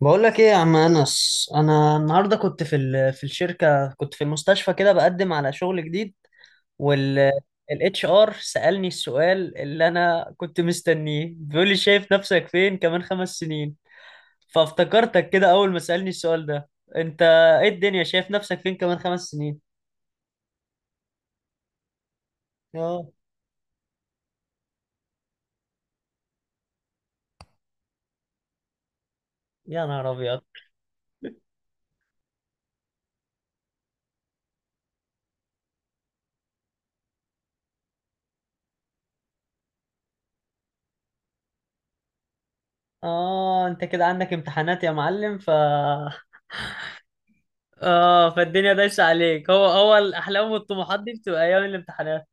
بقول لك ايه يا عم انس، انا النهارده كنت في في الشركه، كنت في المستشفى كده بقدم على شغل جديد. وال الاتش ار سالني السؤال اللي انا كنت مستنيه، بيقول لي شايف نفسك فين كمان 5 سنين؟ فافتكرتك كده اول ما سالني السؤال ده. انت ايه الدنيا، شايف نفسك فين كمان خمس سنين؟ اه. يا نهار ابيض. اه انت كده عندك امتحانات يا معلم ف اه، فالدنيا دايسه عليك. هو الاحلام والطموحات دي بتبقى ايام الامتحانات.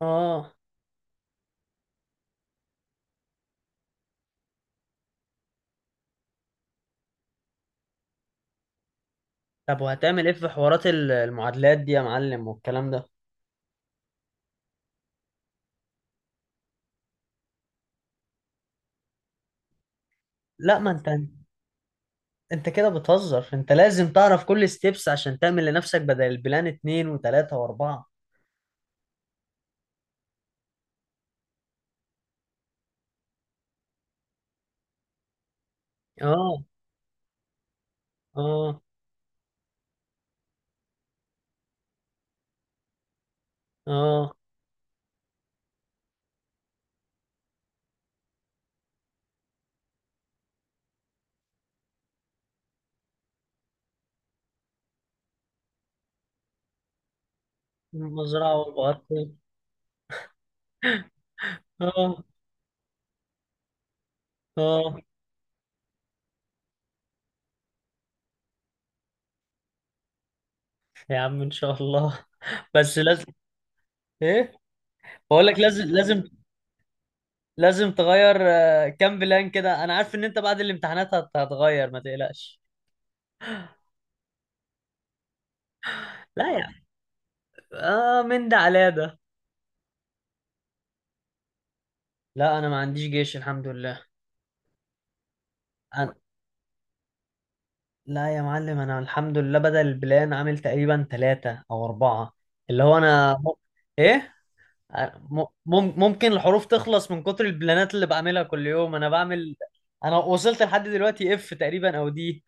اه. طب وهتعمل ايه في حوارات المعادلات دي يا معلم والكلام ده؟ لا ما انت انت كده بتهزر، انت لازم تعرف كل ستيبس عشان تعمل لنفسك بدل البلان اتنين وتلاتة واربعة. اه. اه. اه المزرعة والبطيخ. اه. اه. يا عم ان شاء الله بس لازم. ايه؟ بقول لك لازم، لازم، لازم تغير آه، كام بلان كده، انا عارف ان انت بعد الامتحانات هتغير، ما تقلقش. لا يا عم. اه، من ده على ده. لا انا ما عنديش جيش الحمد لله. أنا- لا يا معلم، انا الحمد لله بدل البلان عامل تقريبا 3 او 4. اللي هو انا م... ايه؟ ممكن الحروف تخلص من كتر البلانات اللي بعملها كل يوم، انا بعمل. انا وصلت لحد دلوقتي اف تقريبا او دي.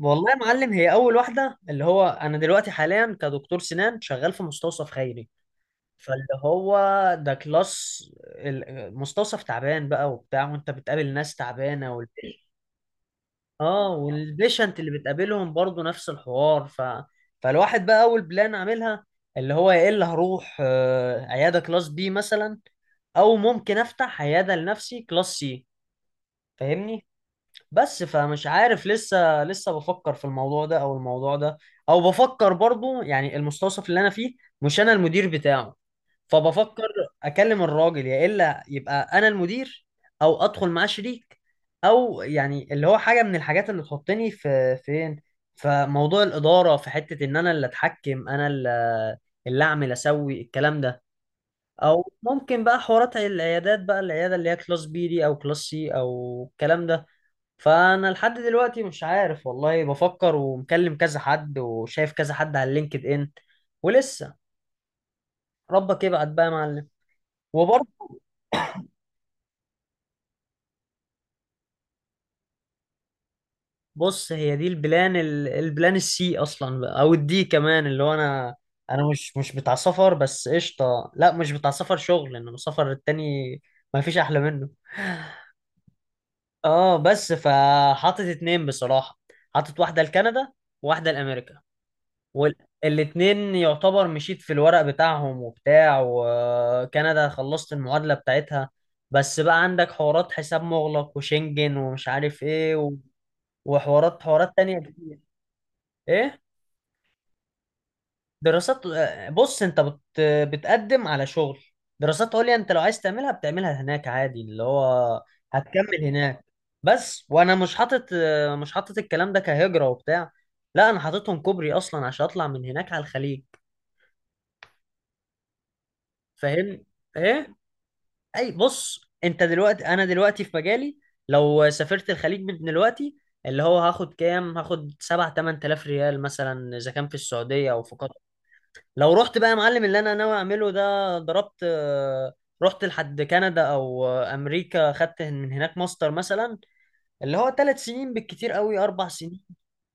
والله يا معلم هي اول واحدة، اللي هو انا دلوقتي حاليا كدكتور سنان شغال في مستوصف خيري. فاللي هو، ده كلاس مستوصف تعبان بقى وبتاع، وانت بتقابل ناس تعبانة اه، والبيشنت اللي بتقابلهم برضو نفس الحوار فالواحد بقى اول بلان عاملها اللي هو، يا الا هروح آه، عياده كلاس بي مثلا، او ممكن افتح عياده لنفسي كلاس سي، فاهمني؟ بس فمش عارف، لسه لسه بفكر في الموضوع ده او الموضوع ده. او بفكر برضو يعني، المستوصف اللي انا فيه مش انا المدير بتاعه، فبفكر اكلم الراجل، يا الا يبقى انا المدير، او ادخل معاه شريك، او يعني اللي هو حاجه من الحاجات اللي تحطني في فين في موضوع الاداره، في حته ان انا اللي اتحكم انا اللي اعمل اسوي الكلام ده. او ممكن بقى حوارات العيادات بقى، العياده اللي هي كلاس بي دي او كلاس سي او الكلام ده. فانا لحد دلوقتي مش عارف والله، بفكر ومكلم كذا حد وشايف كذا حد على اللينكد ان. ولسه، ربك يبعد بقى يا معلم. بص، هي دي البلان البلان السي اصلا بقى، او الدي كمان، اللي هو انا، انا مش بتاع سفر. بس قشطه، لا مش بتاع سفر شغل، انما سفر التاني ما فيش احلى منه. اه. بس فحاطط اتنين بصراحه، حاطط واحده لكندا وواحده لامريكا، والاتنين يعتبر مشيت في الورق بتاعهم وبتاع، وكندا خلصت المعادله بتاعتها. بس بقى عندك حوارات حساب مغلق وشنجن ومش عارف ايه وحوارات، حوارات تانية كتير. ايه؟ دراسات آه، بص انت بتقدم على شغل، دراسات عليا انت لو عايز تعملها بتعملها هناك عادي، اللي هو هتكمل هناك. بس وانا مش حاطط آه، مش حاطط الكلام ده كهجرة وبتاع، لا انا حاططهم كوبري اصلا عشان اطلع من هناك على الخليج. فاهم؟ ايه؟ اي بص، انت دلوقتي، انا دلوقتي في مجالي، لو سافرت الخليج من دلوقتي اللي هو هاخد كام، هاخد 7 8000 ريال مثلا اذا كان في السعودية او في. لو رحت بقى يا معلم اللي انا ناوي اعمله ده، ضربت آه، رحت لحد كندا او آه، امريكا، خدت من هناك ماستر مثلا، اللي هو 3 سنين بالكتير قوي 4 سنين.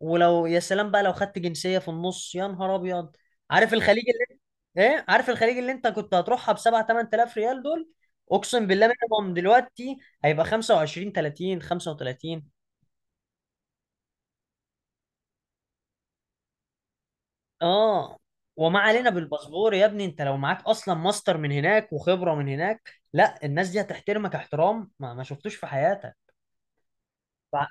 ولو يا سلام بقى لو خدت جنسية في النص، يا نهار ابيض. عارف الخليج اللي، ايه، عارف الخليج اللي انت كنت هتروحها ب 7 8000 ريال دول؟ اقسم بالله منهم دلوقتي هيبقى 25 30 35. اه. وما علينا بالباسبور يا ابني، انت لو معاك اصلا ماستر من هناك وخبره من هناك، لا الناس دي هتحترمك احترام ما شفتوش في حياتك. فع-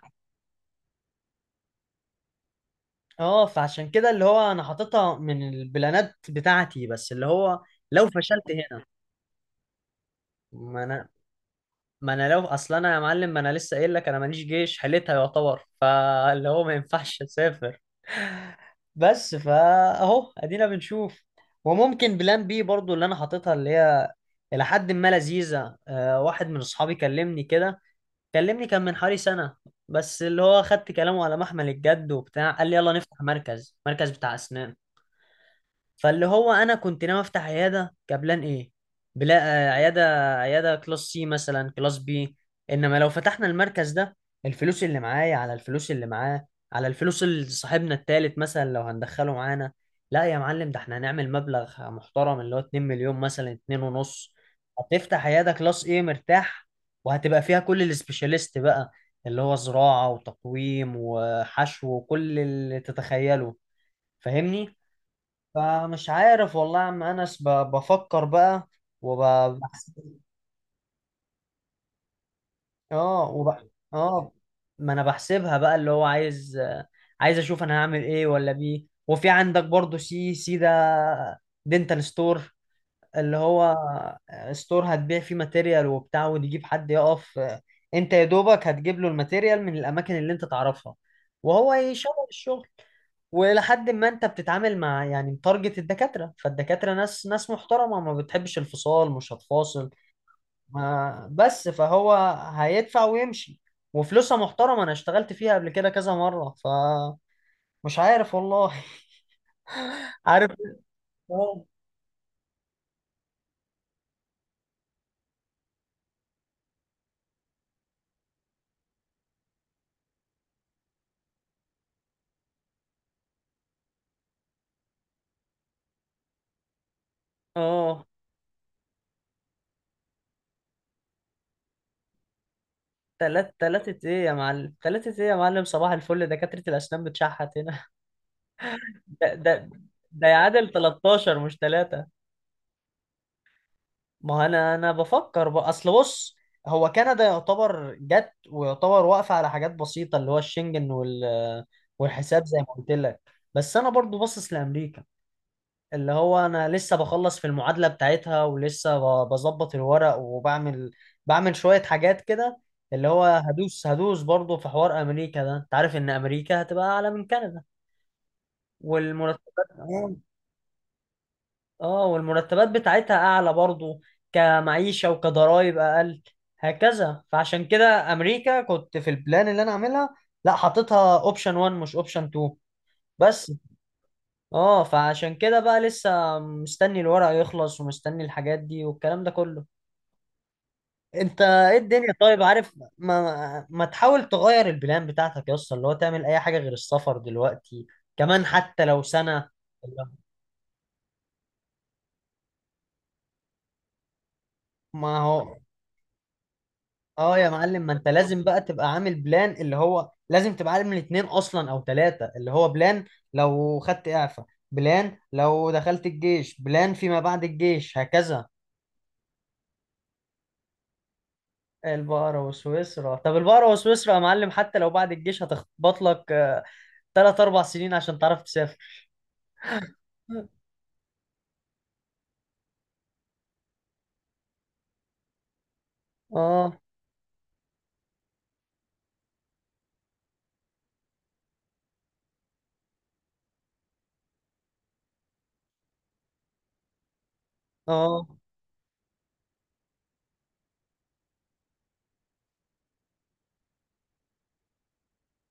اه، فعشان كده اللي هو انا حاططها من البلانات بتاعتي، بس اللي هو لو فشلت هنا. ما انا ما انا لو اصلا، انا يا معلم ما انا لسه قايل لك انا ماليش جيش، حليتها يعتبر، فاللي هو ما ينفعش اسافر. بس فاهو ادينا بنشوف. وممكن بلان بي برضو اللي انا حاططها، اللي هي الى حد ما لذيذه آه. واحد من اصحابي كلمني كده، كلمني كان من حوالي سنه، بس اللي هو خدت كلامه على محمل الجد وبتاع، قال لي يلا نفتح مركز، مركز بتاع اسنان. فاللي هو انا كنت ناوي افتح عياده كبلان ايه، بلا آه، عياده، عياده كلاس سي مثلا كلاس بي. انما لو فتحنا المركز ده، الفلوس اللي معايا على الفلوس اللي معاه على الفلوس اللي صاحبنا التالت مثلا لو هندخله معانا، لا يا معلم ده احنا هنعمل مبلغ محترم اللي هو 2 مليون مثلا 2 ونص، هتفتح عياده كلاس ايه مرتاح، وهتبقى فيها كل السبيشاليست بقى، اللي هو زراعه وتقويم وحشو وكل اللي تتخيله. فاهمني؟ فمش عارف والله يا عم انس، بفكر بقى وبحسب. اه اه، ما انا بحسبها بقى، اللي هو عايز، عايز اشوف انا هعمل ايه ولا بيه. وفي عندك برضو سي سي ده، دينتال ستور، اللي هو ستور هتبيع فيه ماتيريال وبتاع، وتجيب حد يقف آه، انت يا دوبك هتجيب له الماتيريال من الاماكن اللي انت تعرفها وهو يشغل الشغل. ولحد ما انت بتتعامل مع يعني متارجت الدكاترة، فالدكاترة ناس محترمة، ما بتحبش الفصال، مش هتفاصل. ما بس فهو هيدفع ويمشي، وفلوسها محترمة، انا اشتغلت فيها قبل كده كذا مرة، فمش عارف والله عارف. اه. اه. تلاتة ايه يا معلم، تلاتة ايه يا معلم، صباح الفل، دكاترة الأسنان بتشحت هنا. ده ده ده يعادل 13 مش تلاتة. ما هو أنا بفكر بقى، أصل بص، هو كندا يعتبر جت ويعتبر واقفة على حاجات بسيطة، اللي هو الشنجن والحساب زي ما قلت لك. بس أنا برضو باصص لأمريكا، اللي هو انا لسه بخلص في المعادله بتاعتها، ولسه بظبط الورق وبعمل، بعمل شويه حاجات كده، اللي هو هدوس هدوس برضه في حوار امريكا ده. انت عارف ان امريكا هتبقى اعلى من كندا، والمرتبات اه. آه، والمرتبات بتاعتها اعلى برضه، كمعيشه وكضرايب اقل هكذا. فعشان كده امريكا كنت في البلان اللي انا عاملها، لا حاططها اوبشن 1 مش اوبشن 2. بس. اه. فعشان كده بقى لسه مستني الورق يخلص ومستني الحاجات دي والكلام ده كله. انت ايه الدنيا طيب؟ عارف، ما تحاول تغير البلان بتاعتك يا اسطى، اللي هو تعمل اي حاجة غير السفر دلوقتي، كمان حتى لو سنة. ما هو اه يا معلم، ما انت لازم بقى تبقى عامل بلان، اللي هو لازم تبقى عامل اتنين اصلا او ثلاثة، اللي هو بلان لو خدت اعفاء، بلان لو دخلت الجيش، بلان فيما بعد الجيش هكذا. البقرة وسويسرا، طب البقرة وسويسرا يا معلم حتى لو بعد الجيش هتخبط لك آه، 3 4 سنين عشان تعرف تسافر. اه. اه.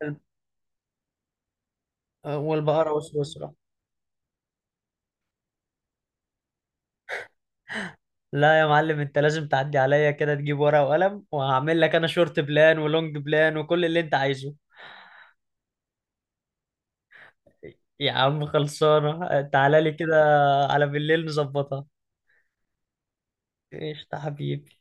ال- آه، والبقرة وسويسرا. لا يا معلم انت لازم تعدي عليا كده تجيب ورقة وقلم، وهعمل لك انا شورت بلان ولونج بلان وكل اللي انت عايزه. يا عم خلصانة، تعالى لي كده على بالليل نظبطها. قشطة حبيبي.